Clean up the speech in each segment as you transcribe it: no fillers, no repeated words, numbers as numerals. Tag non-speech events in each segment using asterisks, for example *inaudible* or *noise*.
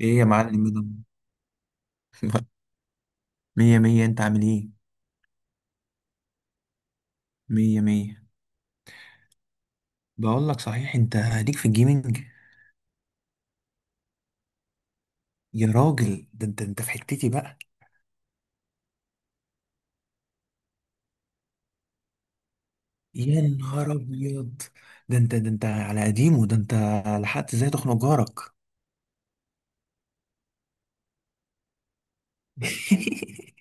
ايه يا معلم، إيه ده؟ *laughs* مية مية، انت عامل ايه؟ مية مية. بقول لك، صحيح انت ليك في الجيمنج؟ يا راجل، ده انت في حتتي بقى. يا نهار ابيض، ده انت على قديمه، ده انت لحقت ازاي تخنق جارك؟ *laughs*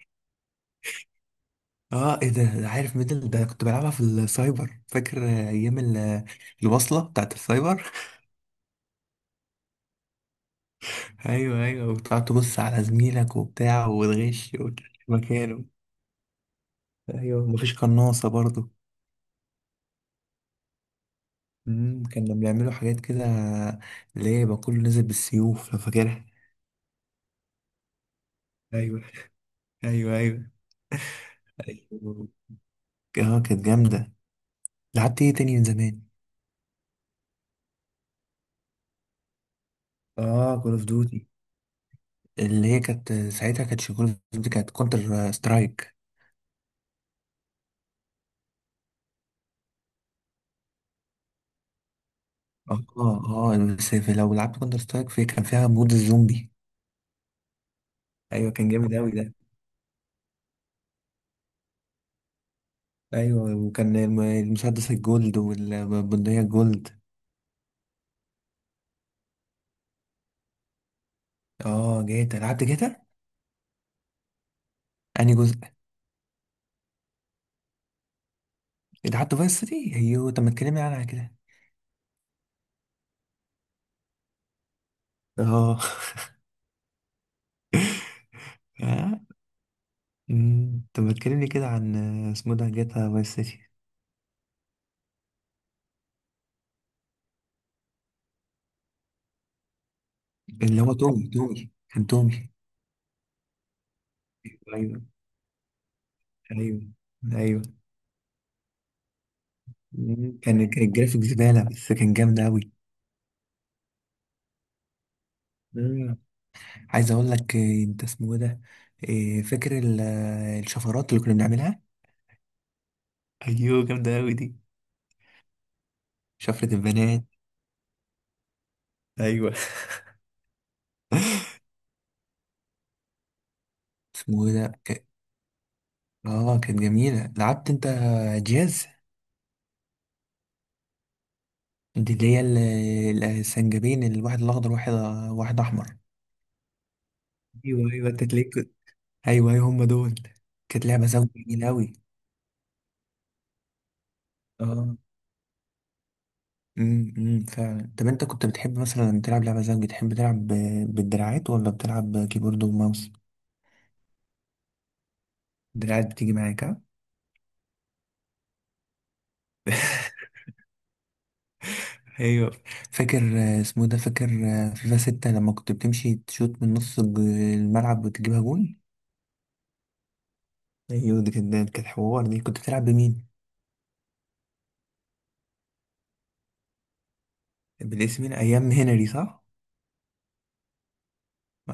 اه، ايه ده عارف ميدل، ده كنت بلعبها في السايبر، فاكر ايام الوصلة بتاعت السايبر. *laughs* ايوه ايوه، وتقعد تبص على زميلك وبتاع، وتغش وتغش مكانه. ايوه، مفيش قناصة برضه. كانوا بيعملوا حاجات كده، اللي هي يبقى كله نازل بالسيوف لو فاكرها. ايوه ايوه ايوه ايوه. اه، كانت جامده. لعبت ايه تاني من زمان؟ اه، كول اوف ديوتي. اللي هي كانت، ساعتها كانت كول اوف ديوتي، كانت كونتر سترايك. اه اه، بس لو لعبت كونتر سترايك، في كان فيها مود الزومبي. ايوه، كان جامد اوي ده. ايوه، وكان المسدس الجولد والبندقيه الجولد. اه، جاتا، لعبت جاتا؟ انهي جزء؟ لعبت فايس سيتي، ايوه. طب ما تكلمني عنها كده. اه. *laughs* آه. مم. طب ما تكلمني كده عن اسمه ده جاتا فايس سيتي. اللي هو تومي كان تومي. ايوه ايوه ايوه. مم. كان الجرافيك زبالة، بس كان جامد أوي. مم. عايز أقول لك، أنت اسمه إيه ده؟ فاكر الشفرات اللي كنا بنعملها؟ أيوه، جامدة أوي دي. شفرة البنات. ايوه. اسمه إيه ده اه، كانت جميلة. لعبت أنت جاز؟ دي اللي هي السنجابين، الواحد الأخضر، واحد واحد أحمر. ايوه ايوه، انت تلاقيك ايوه ايوه، هم دول. كانت لعبه زوجي جميله قوي. اه. أمم، فعلا. طب انت كنت بتحب مثلا تلعب لعبه زوجي، تحب تلعب بالدراعات ولا بتلعب كيبورد وماوس؟ الدراعات بتيجي معاك، ها؟ ايوه. فاكر، اسمه إيه ده؟ فاكر فيفا 6 لما كنت بتمشي تشوت من نص الملعب وتجيبها جون؟ ايوه، دي كانت حوار. دي كنت بتلعب بمين؟ بالاسم، مين؟ ايام هنري، صح؟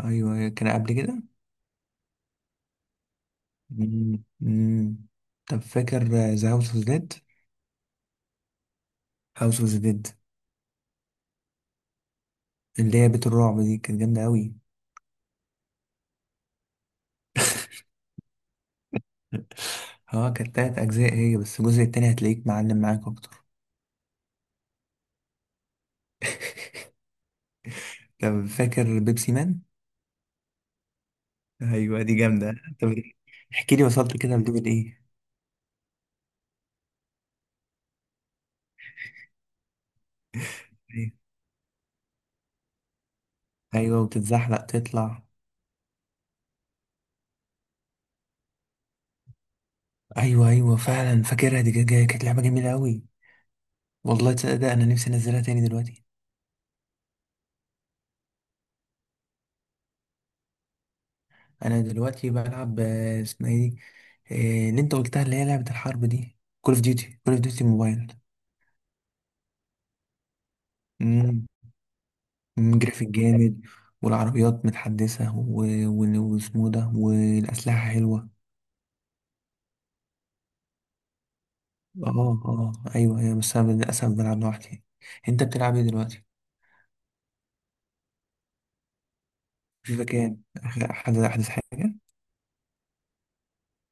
ايوه، كان قبل كده. أمم. طب فاكر ذا هاوس اوف زد؟ هاوس اوف ذا ديد. اللي هي بيت الرعب، دي كانت جامدة أوي. *laughs* اه، كانت تلات أجزاء هي، بس الجزء التاني هتلاقيك معلم معاك أكتر. طب فاكر بيبسي مان؟ أيوة، دي جامدة. طب احكي لي، وصلت كده لدول إيه؟ إيه؟ أيوة، وتتزحلق تطلع. أيوة أيوة، فعلا فاكرها، دي كانت لعبة جميلة أوي. والله، تصدق ده أنا نفسي أنزلها تاني دلوقتي. أنا دلوقتي بلعب، اسمها إيه دي؟ اللي أنت قلتها، اللي هي لعبة الحرب دي، كول أوف ديوتي، كول أوف ديوتي موبايل. جرافيك جامد، والعربيات متحدثة واسمه ده، والأسلحة حلوة. اه اه، أيوه أيوه، بس أنا للأسف بلعب لوحدي. أنت بتلعب إيه دلوقتي؟ فيفا كام؟ آخر، أحدث حاجة؟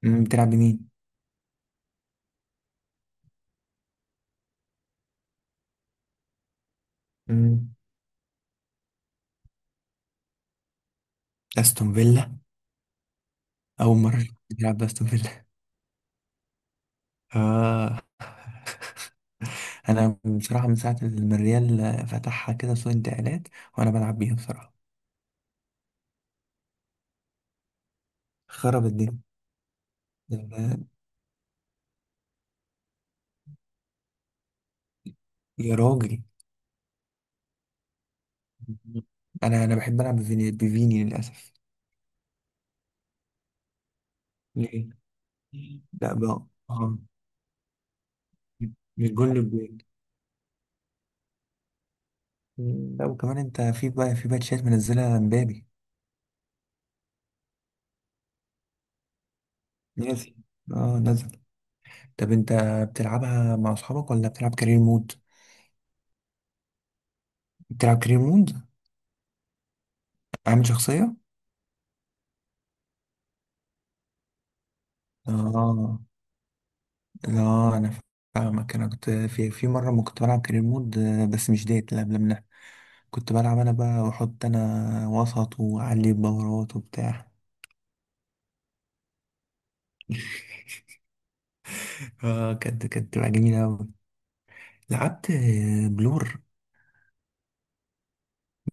بتلعب بمين؟ مم، أستون فيلا؟ أول مرة بتلعب بأستون فيلا. آه. *laughs* أنا بصراحة من ساعة ما الريال فتحها كده سوق انتقالات، وأنا بلعب بيها بصراحة. خرب الدنيا. يا راجل، انا بحب العب بفيني للاسف. ليه؟ لا بقى، اه، مش جون للجون. لا، وكمان انت في بقى في باتشات منزلها مبابي؟ ناسي. اه، نزل. طب انت بتلعبها مع اصحابك ولا بتلعب كارير مود؟ بتلعب كارير مود؟ عامل شخصية؟ اه. لا انا، فاهمك، انا كنت، في مرة ما كنت بلعب كارير مود، بس مش ديت، لا، قبل منها. كنت بلعب انا بقى، واحط انا وسط، واعلي الدورات وبتاع. اه، كانت بتبقى جميلة أوي. لعبت، بلور.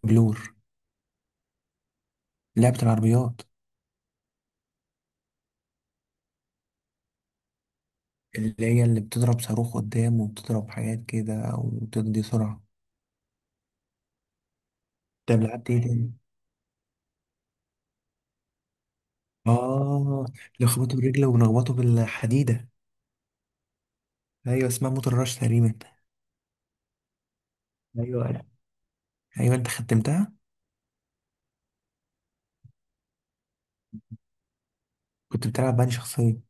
بلور، لعبة العربيات، اللي هي اللي بتضرب صاروخ قدام، وبتضرب حاجات كده وتدي سرعة. طب لعبت ايه تاني؟ اه، نخبطه برجله ونخبطه بالحديدة. ايوه، اسمها موتور راش تقريبا. ايوه ايوه، انت ختمتها؟ كنت بتلعب بأنهي شخصية؟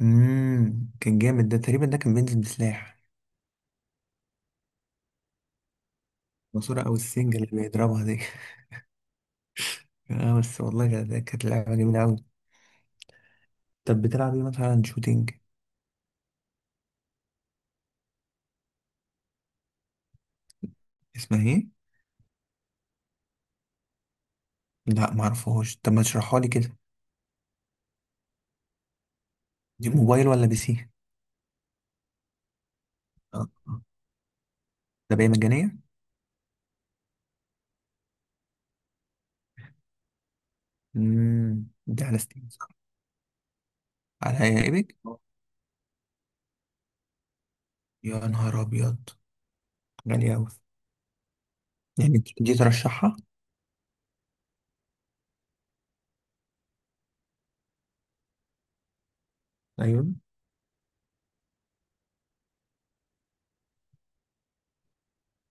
كان جامد ده، تقريبا ده كان بينزل بسلاح. ماسورة او السنجة اللي بيضربها دي. *laughs* اه بس، والله كانت لعبة جميلة أوي. طب بتلعب ايه مثلا؟ شوتينج؟ اسمها ايه؟ لا، معرفهوش، طب ما تشرحها لي كده. دي موبايل ولا بي سي؟ آه. ده بقى مجانية؟ دي على ستيم، صح؟ على ايبك؟ يا نهار ابيض، غالية اوي. يعني دي ترشحها؟ ايوه.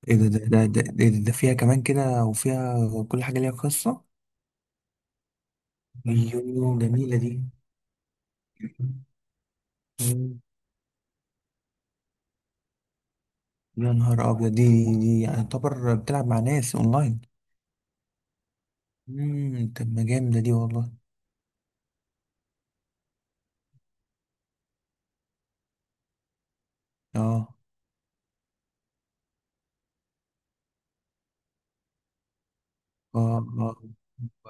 ايه ده، ده فيها كمان كده، وفيها كل حاجة ليها قصة. ايوه جميلة دي. مم. يا نهار ابيض دي. دي يعتبر بتلعب مع ناس اونلاين؟ طب ما جامدة دي والله. اه اه اه،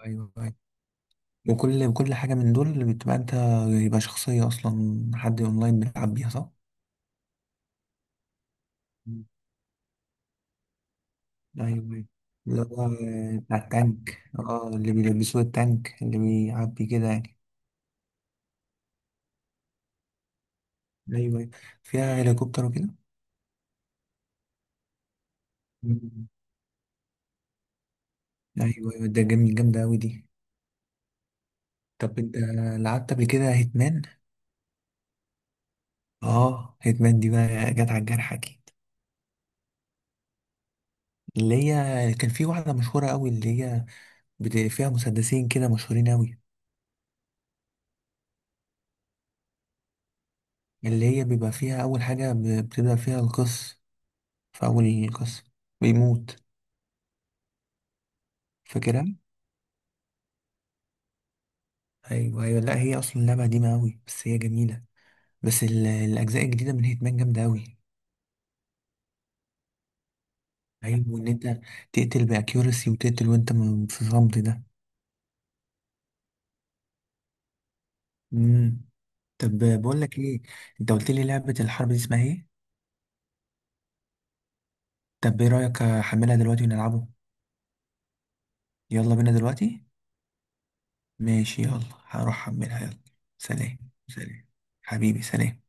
ايوه ايوه. وكل حاجة من دول بتبقى انت، يبقى شخصية، اصلا حد اونلاين بيلعب بيها، صح؟ مم. ايوه ايوه. اللي هو بتاع التانك، اه، اللي بيلبسوه التانك، اللي بيعبي كده يعني. ايوه أيوة. فيها هليكوبتر وكده؟ مم. ايوه ايوه، ده جميل، جامدة اوي دي. طب انت لعبت قبل كده هيتمان؟ اه، هيتمان دي بقى جت على الجرح اكيد. اللي هي كان في واحدة مشهورة اوي، اللي هي فيها مسدسين كده مشهورين اوي. اللي هي بيبقى فيها اول حاجة، بتبدأ فيها القصة، في أول قصة بيموت، فاكرها؟ أيوه أيوه. لا، هي أصلا لعبة قديمة أوي، بس هي جميلة. بس الأجزاء الجديدة من هيتمان جامدة أوي. أيوه، إن أنت تقتل بأكيورسي، وتقتل وأنت في صمت ده. مم. طب بقول لك إيه، أنت قلت لي لعبة الحرب دي اسمها إيه؟ طب إيه رأيك أحملها دلوقتي ونلعبه؟ يلا بينا دلوقتي؟ ماشي، يلا. هروح أحملها، يلا. سلام. سلام حبيبي، سلام.